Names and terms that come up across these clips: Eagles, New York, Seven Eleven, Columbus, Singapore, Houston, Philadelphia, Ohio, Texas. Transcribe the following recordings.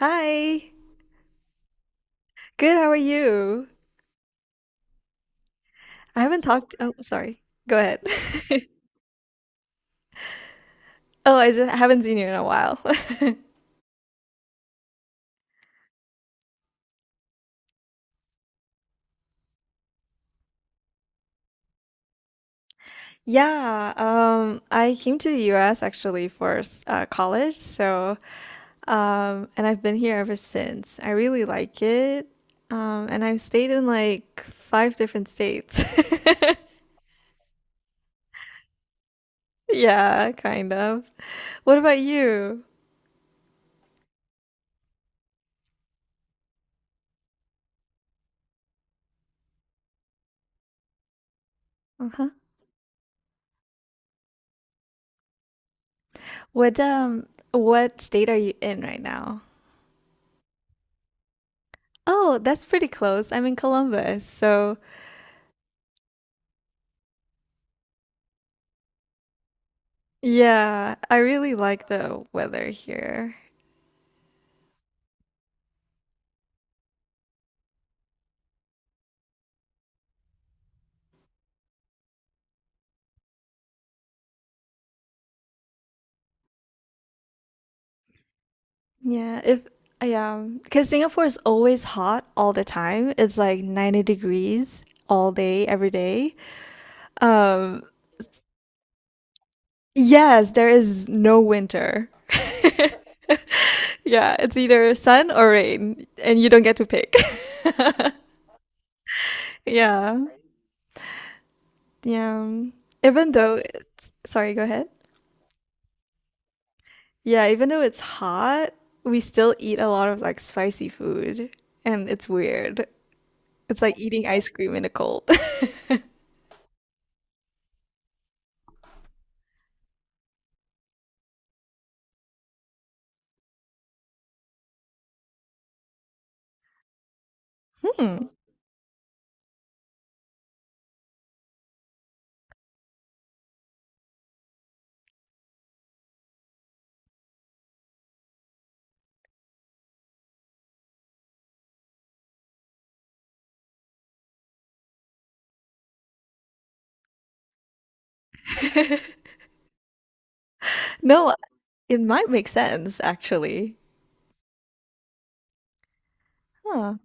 Hi. Good, how are you? I haven't talked. Oh, sorry. Go ahead. Oh, I just haven't seen you in a while. Yeah, I came to the US actually for college, so and I've been here ever since. I really like it. And I've stayed in like five different states. Yeah, kind of. What about you? Uh-huh. What state are you in right now? Oh, that's pretty close. I'm in Columbus. So, yeah, I really like the weather here. Yeah, if yeah, because Singapore is always hot all the time. It's like 90 degrees all day, every day. Um, yes, there is no winter. Yeah, it's either sun or rain, and you don't get to pick. Yeah, yeah. Even though, sorry, go ahead. Yeah, even though it's hot, we still eat a lot of like spicy food, and it's weird. It's like eating ice cream in the cold. Hmm. No, it might make sense actually. Huh.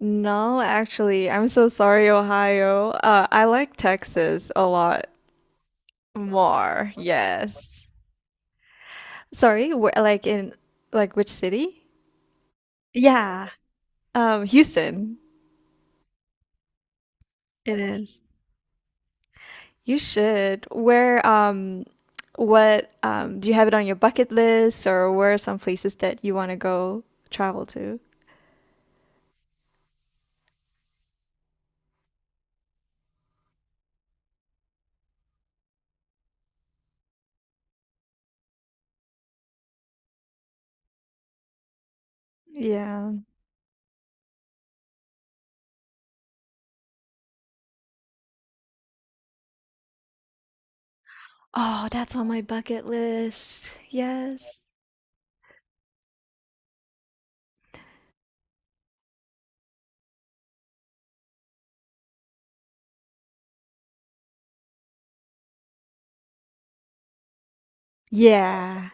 No, actually, I'm so sorry, Ohio. I like Texas a lot more. Yes. Sorry, wh like in like which city? Yeah. Houston. It is. You should. Do you have it on your bucket list or where are some places that you want to go travel to? Yeah. Oh, that's on my bucket list. Yes. Yeah.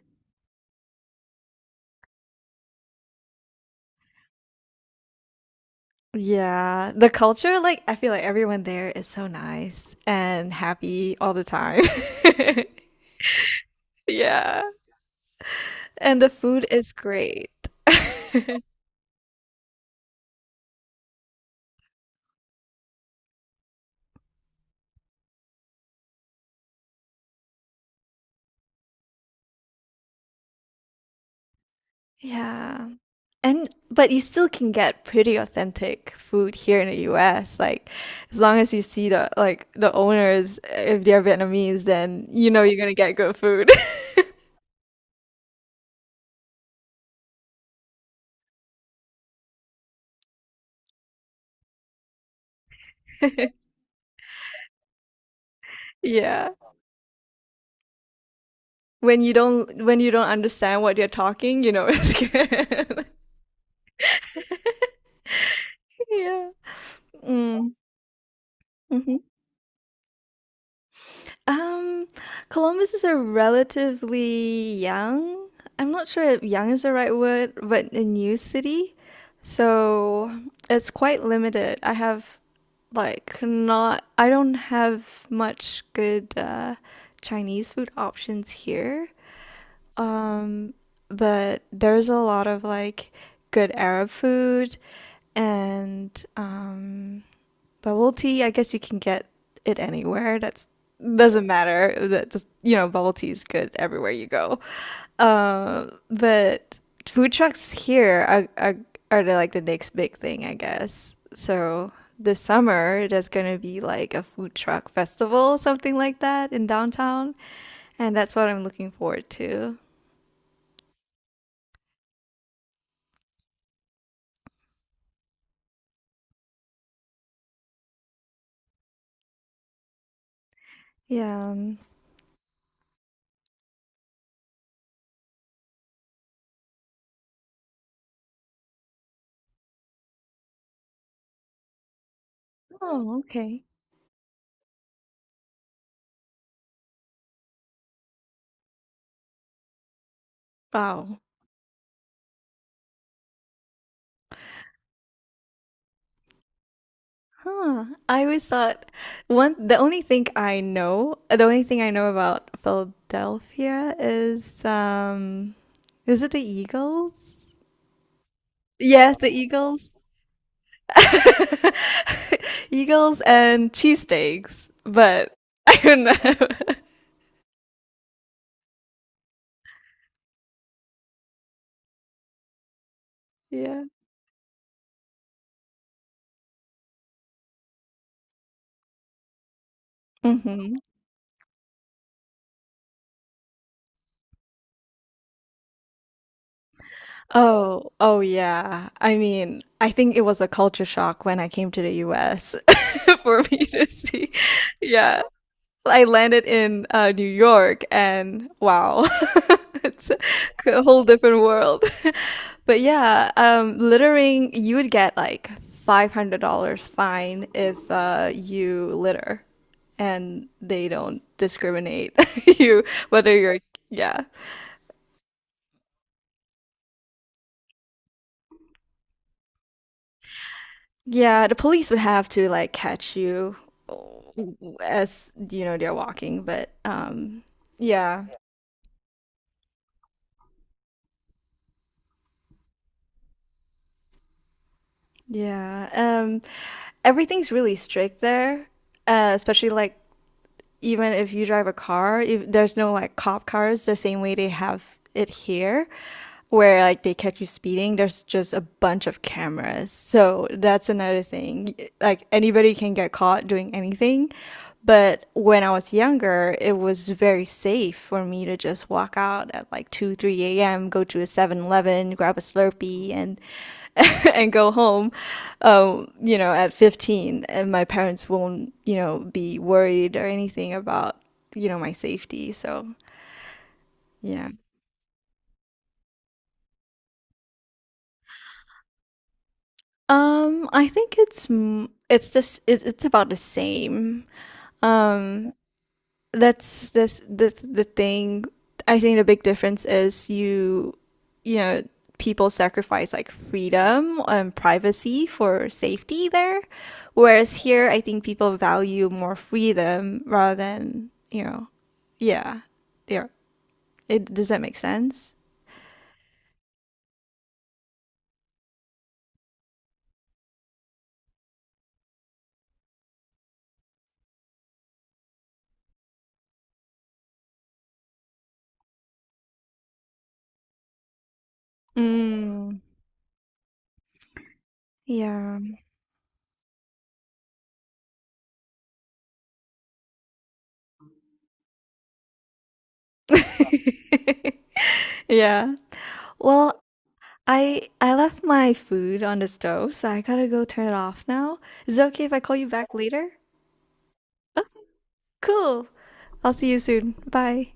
Yeah. The culture, like, I feel like everyone there is so nice and happy all the time. Yeah. And the food is great. Yeah. And but you still can get pretty authentic food here in the US. Like as long as you see the owners, if they're Vietnamese, then you know you're gonna get good food. Yeah. When you don't understand what they're talking, you know it's good. Yeah. Mm. Mhm. Um, Columbus is a relatively young, I'm not sure if young is the right word, but a new city. So it's quite limited. I don't have much good Chinese food options here, but there's a lot of like good Arab food and bubble tea, I guess you can get it anywhere. That's doesn't matter. That just, you know, bubble tea is good everywhere you go. But food trucks here are like the next big thing, I guess. So this summer there's gonna be like a food truck festival, something like that in downtown, and that's what I'm looking forward to. Yeah. um, Oh, okay. Wow. Huh. I always thought one the only thing I know, the only thing I know about Philadelphia is it the Eagles? Yes, the Eagles. Eagles and cheesesteaks, but I don't know. Yeah. Hmm. Oh, oh yeah. I mean, I think it was a culture shock when I came to the US for me to see. Yeah. I landed in New York, and wow, it's a whole different world. But yeah, littering, you would get like $500 fine if you litter, and they don't discriminate you whether yeah. Yeah, the police would have to like catch you as you know they're walking, but yeah. Yeah. Everything's really strict there, especially like even if you drive a car, if there's no like cop cars the same way they have it here, where like they catch you speeding, there's just a bunch of cameras. So that's another thing. Like anybody can get caught doing anything. But when I was younger, it was very safe for me to just walk out at like 2, 3 a.m., go to a 7-Eleven, grab a Slurpee, and and go home, you know, at 15, and my parents won't, you know, be worried or anything about, you know, my safety. So, yeah. I think it's just it's about the same. Um, that's the thing. I think the big difference is you know people sacrifice like freedom and privacy for safety there, whereas here I think people value more freedom rather than you know yeah yeah. It does that make sense? Mm, yeah. Yeah. Well, I left my food on the stove, so I gotta go turn it off now. Is it okay if I call you back later? Cool. I'll see you soon. Bye.